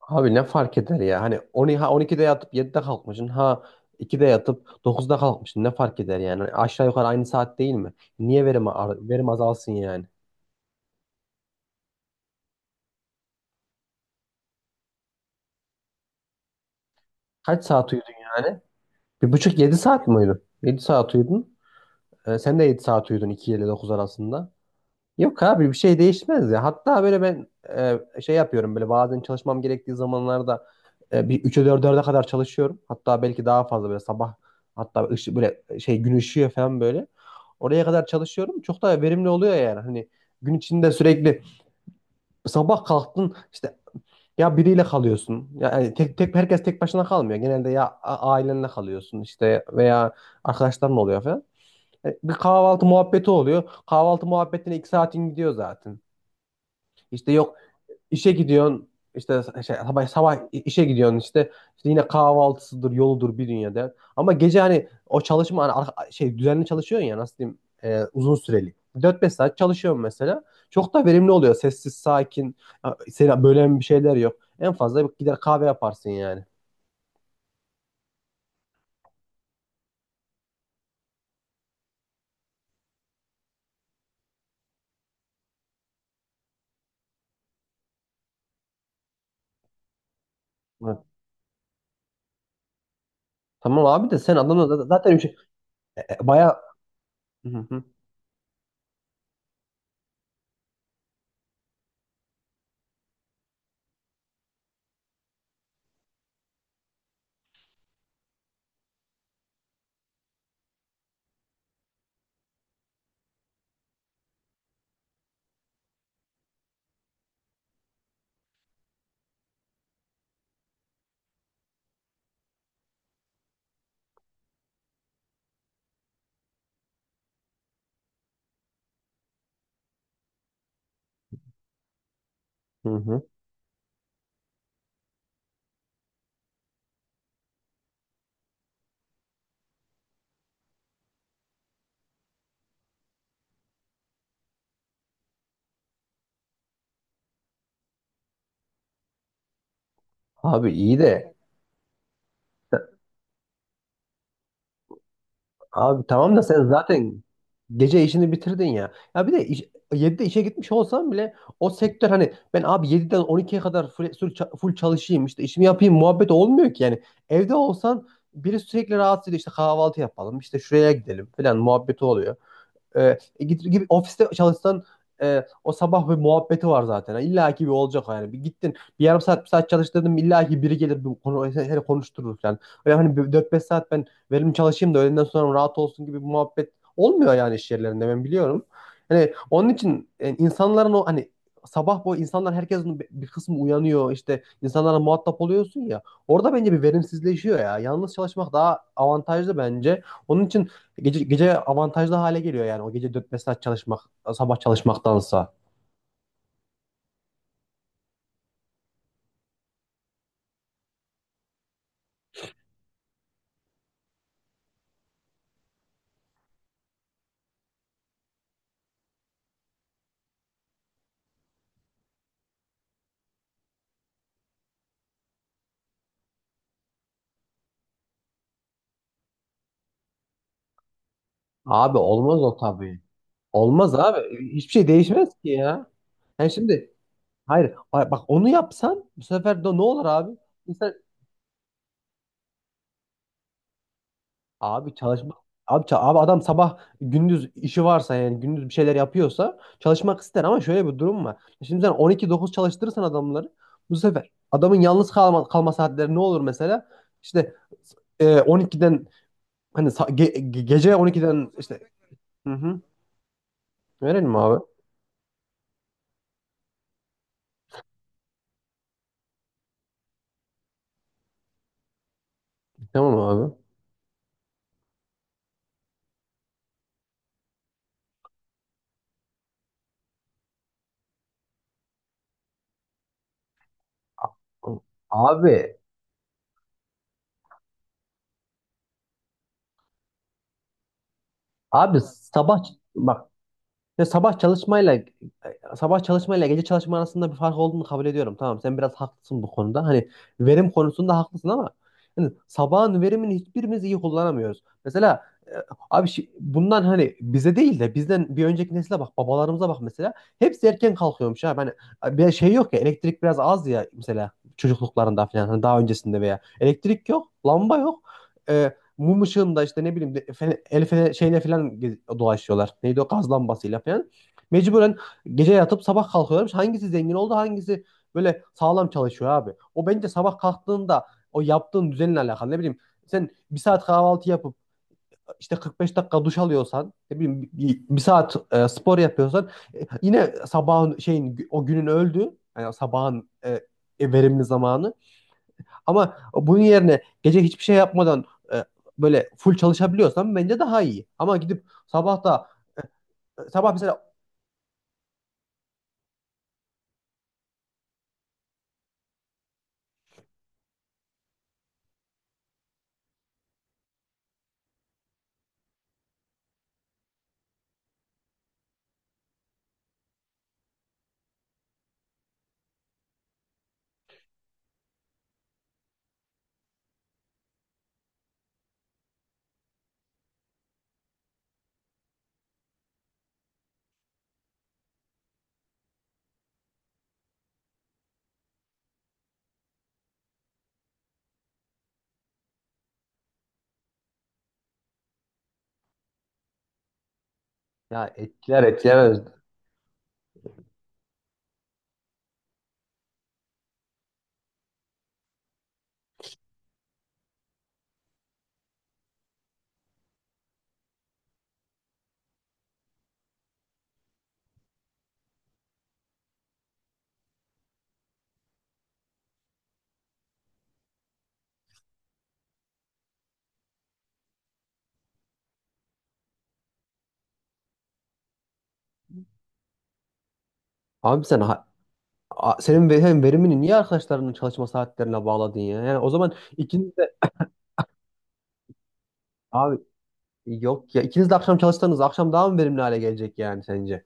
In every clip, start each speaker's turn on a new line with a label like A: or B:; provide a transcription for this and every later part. A: Abi ne fark eder ya? Hani 10 ha 12'de yatıp 7'de kalkmışsın. Ha 2'de yatıp 9'da kalkmışsın. Ne fark eder yani? Hani aşağı yukarı aynı saat değil mi? Niye verim azalsın yani? Kaç saat uyudun yani? Bir buçuk 7 saat mi uyudun? 7 saat uyudun. Sen de 7 saat uyudun 2 ile 9 arasında. Yok abi bir şey değişmez ya. Hatta böyle ben şey yapıyorum böyle bazen çalışmam gerektiği zamanlarda bir 3'e 4'e kadar çalışıyorum. Hatta belki daha fazla böyle sabah hatta böyle şey gün ışıyor falan böyle. Oraya kadar çalışıyorum. Çok daha verimli oluyor yani. Hani gün içinde sürekli sabah kalktın işte ya biriyle kalıyorsun. Ya yani tek tek herkes tek başına kalmıyor. Genelde ailenle kalıyorsun işte veya arkadaşların oluyor falan. Bir kahvaltı muhabbeti oluyor. Kahvaltı muhabbetine 2 saatin gidiyor zaten. İşte yok işe gidiyorsun işte şey, sabah işe gidiyorsun işte, işte yine kahvaltısıdır yoludur bir dünya der. Ama gece hani o çalışma hani şey düzenli çalışıyorsun ya nasıl diyeyim uzun süreli. Dört beş saat çalışıyorum mesela. Çok da verimli oluyor. Sessiz, sakin. Ha, Seni bölen bir şeyler yok. En fazla gider kahve yaparsın yani. Evet. Tamam abi de sen adamla zaten baya. Hı hı, hı hı. Abi iyi de abi tamam da sen zaten gece işini bitirdin ya. Ya bir de iş, 7'de işe gitmiş olsam bile o sektör hani ben abi 7'den 12'ye kadar full çalışayım işte işimi yapayım muhabbet olmuyor ki yani. Evde olsan biri sürekli rahatsız ediyor işte kahvaltı yapalım işte şuraya gidelim falan muhabbeti oluyor. Gibi ofiste çalışsan o sabah bir muhabbeti var zaten. Yani İlla ki bir olacak yani. Bir gittin bir yarım saat bir saat çalıştırdım illa ki biri gelir bir konu, seni konuşturur yani. Öyle hani dört beş saat ben verimli çalışayım da öğleden sonra rahat olsun gibi bir muhabbet olmuyor yani iş yerlerinde ben biliyorum. Yani onun için yani insanların o hani sabah bu insanlar herkesin bir kısmı uyanıyor işte insanlarla muhatap oluyorsun ya orada bence bir verimsizleşiyor ya. Yalnız çalışmak daha avantajlı bence. Onun için gece avantajlı hale geliyor yani. O gece dört beş saat çalışmak, sabah çalışmaktansa. Abi olmaz o tabii. Olmaz abi. Hiçbir şey değişmez ki ya. Yani şimdi hayır bak onu yapsan bu sefer de ne olur abi? İnsan abi çalışmak abi adam sabah gündüz işi varsa yani gündüz bir şeyler yapıyorsa çalışmak ister ama şöyle bir durum var. Şimdi sen 12-9 çalıştırırsan adamları bu sefer adamın yalnız kalma saatleri ne olur mesela? İşte 12'den hani gece 12'den işte. Hı hı. Verelim abi. Tamam abi. Abi, abi sabah bak Ya sabah çalışma ile gece çalışma arasında bir fark olduğunu kabul ediyorum. Tamam sen biraz haklısın bu konuda. Hani verim konusunda haklısın ama hani sabahın verimini hiçbirimiz iyi kullanamıyoruz. Mesela abi bundan hani bize değil de bizden bir önceki nesile bak babalarımıza bak mesela. Hepsi erken kalkıyormuş abi. Hani bir şey yok ya elektrik biraz az ya mesela çocukluklarında falan hani daha öncesinde veya elektrik yok, lamba yok. Mum ışığında işte ne bileyim şeyle falan dolaşıyorlar. Neydi o gaz lambasıyla falan. Mecburen gece yatıp sabah kalkıyorlarmış. Hangisi zengin oldu, hangisi böyle sağlam çalışıyor abi. O bence sabah kalktığında o yaptığın düzenle alakalı. Ne bileyim sen bir saat kahvaltı yapıp işte 45 dakika duş alıyorsan, ne bileyim bir saat spor yapıyorsan yine sabahın şeyin o günün öldü. Yani sabahın verimli zamanı. Ama bunun yerine gece hiçbir şey yapmadan e, böyle full çalışabiliyorsan bence daha iyi. Ama gidip sabah da e, sabah mesela ya etkiler etkilemez. Abi sen ha. Senin hem verimini niye arkadaşlarının çalışma saatlerine bağladın ya? Yani o zaman ikiniz de abi yok ya ikiniz de akşam çalışsanız akşam daha mı verimli hale gelecek yani sence?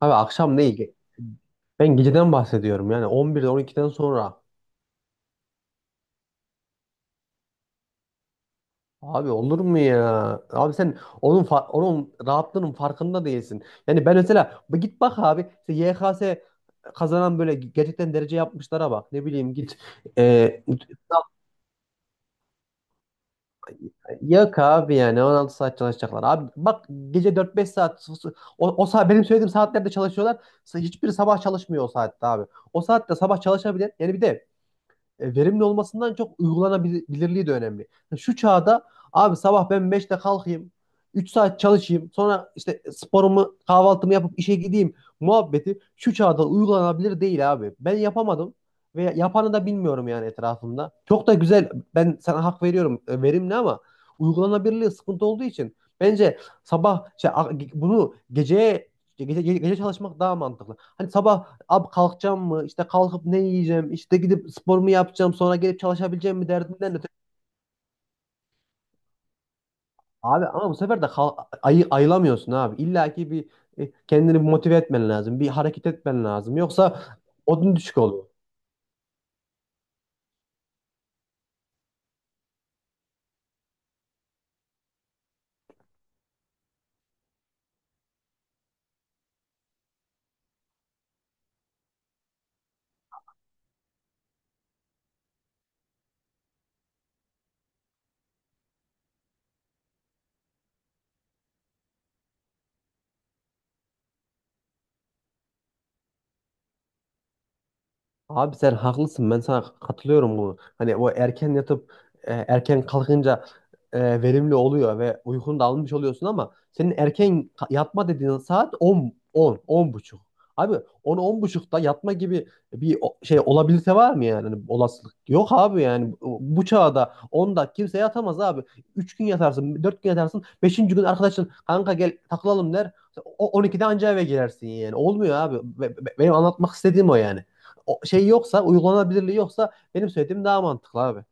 A: Abi akşam değil. Ben geceden bahsediyorum yani 11'den 12'den sonra. Abi olur mu ya? Abi sen onun rahatlığının farkında değilsin. Yani ben mesela bu git bak abi işte YKS kazanan böyle gerçekten derece yapmışlara bak. Ne bileyim e, yok abi yani 16 saat çalışacaklar. Abi bak gece 4-5 saat o saat benim söylediğim saatlerde çalışıyorlar. Hiçbiri sabah çalışmıyor o saatte abi. O saatte sabah çalışabilen yani bir de verimli olmasından çok uygulanabilirliği de önemli. Yani şu çağda abi sabah ben 5'te kalkayım, 3 saat çalışayım, sonra işte sporumu, kahvaltımı yapıp işe gideyim muhabbeti şu çağda uygulanabilir değil abi. Ben yapamadım ve yapanı da bilmiyorum yani etrafımda. Çok da güzel, ben sana hak veriyorum, verimli ama uygulanabilirliği sıkıntı olduğu için bence bunu geceye gece çalışmak daha mantıklı. Hani sabah abi kalkacağım mı? İşte kalkıp ne yiyeceğim? İşte gidip spor mu yapacağım? Sonra gelip çalışabileceğim mi derdinden öte. Abi ama bu sefer de ayı ayılamıyorsun abi. İlla ki bir kendini bir motive etmen lazım. Bir hareket etmen lazım. Yoksa odun düşük oluyor. Abi sen haklısın. Ben sana katılıyorum bu. Hani o erken yatıp erken kalkınca verimli oluyor ve uykunu da almış oluyorsun ama senin erken yatma dediğin saat 10 10 10 buçuk. Abi 10 10 buçukta yatma gibi bir şey olabilirse var mı yani? Hani olasılık yok abi yani bu çağda 10'da kimse yatamaz abi. 3 gün yatarsın, 4 gün yatarsın. 5'inci gün arkadaşın kanka gel takılalım der. O 12'de anca eve girersin yani. Olmuyor abi. Benim anlatmak istediğim o yani o şey yoksa uygulanabilirliği yoksa benim söylediğim daha mantıklı abi.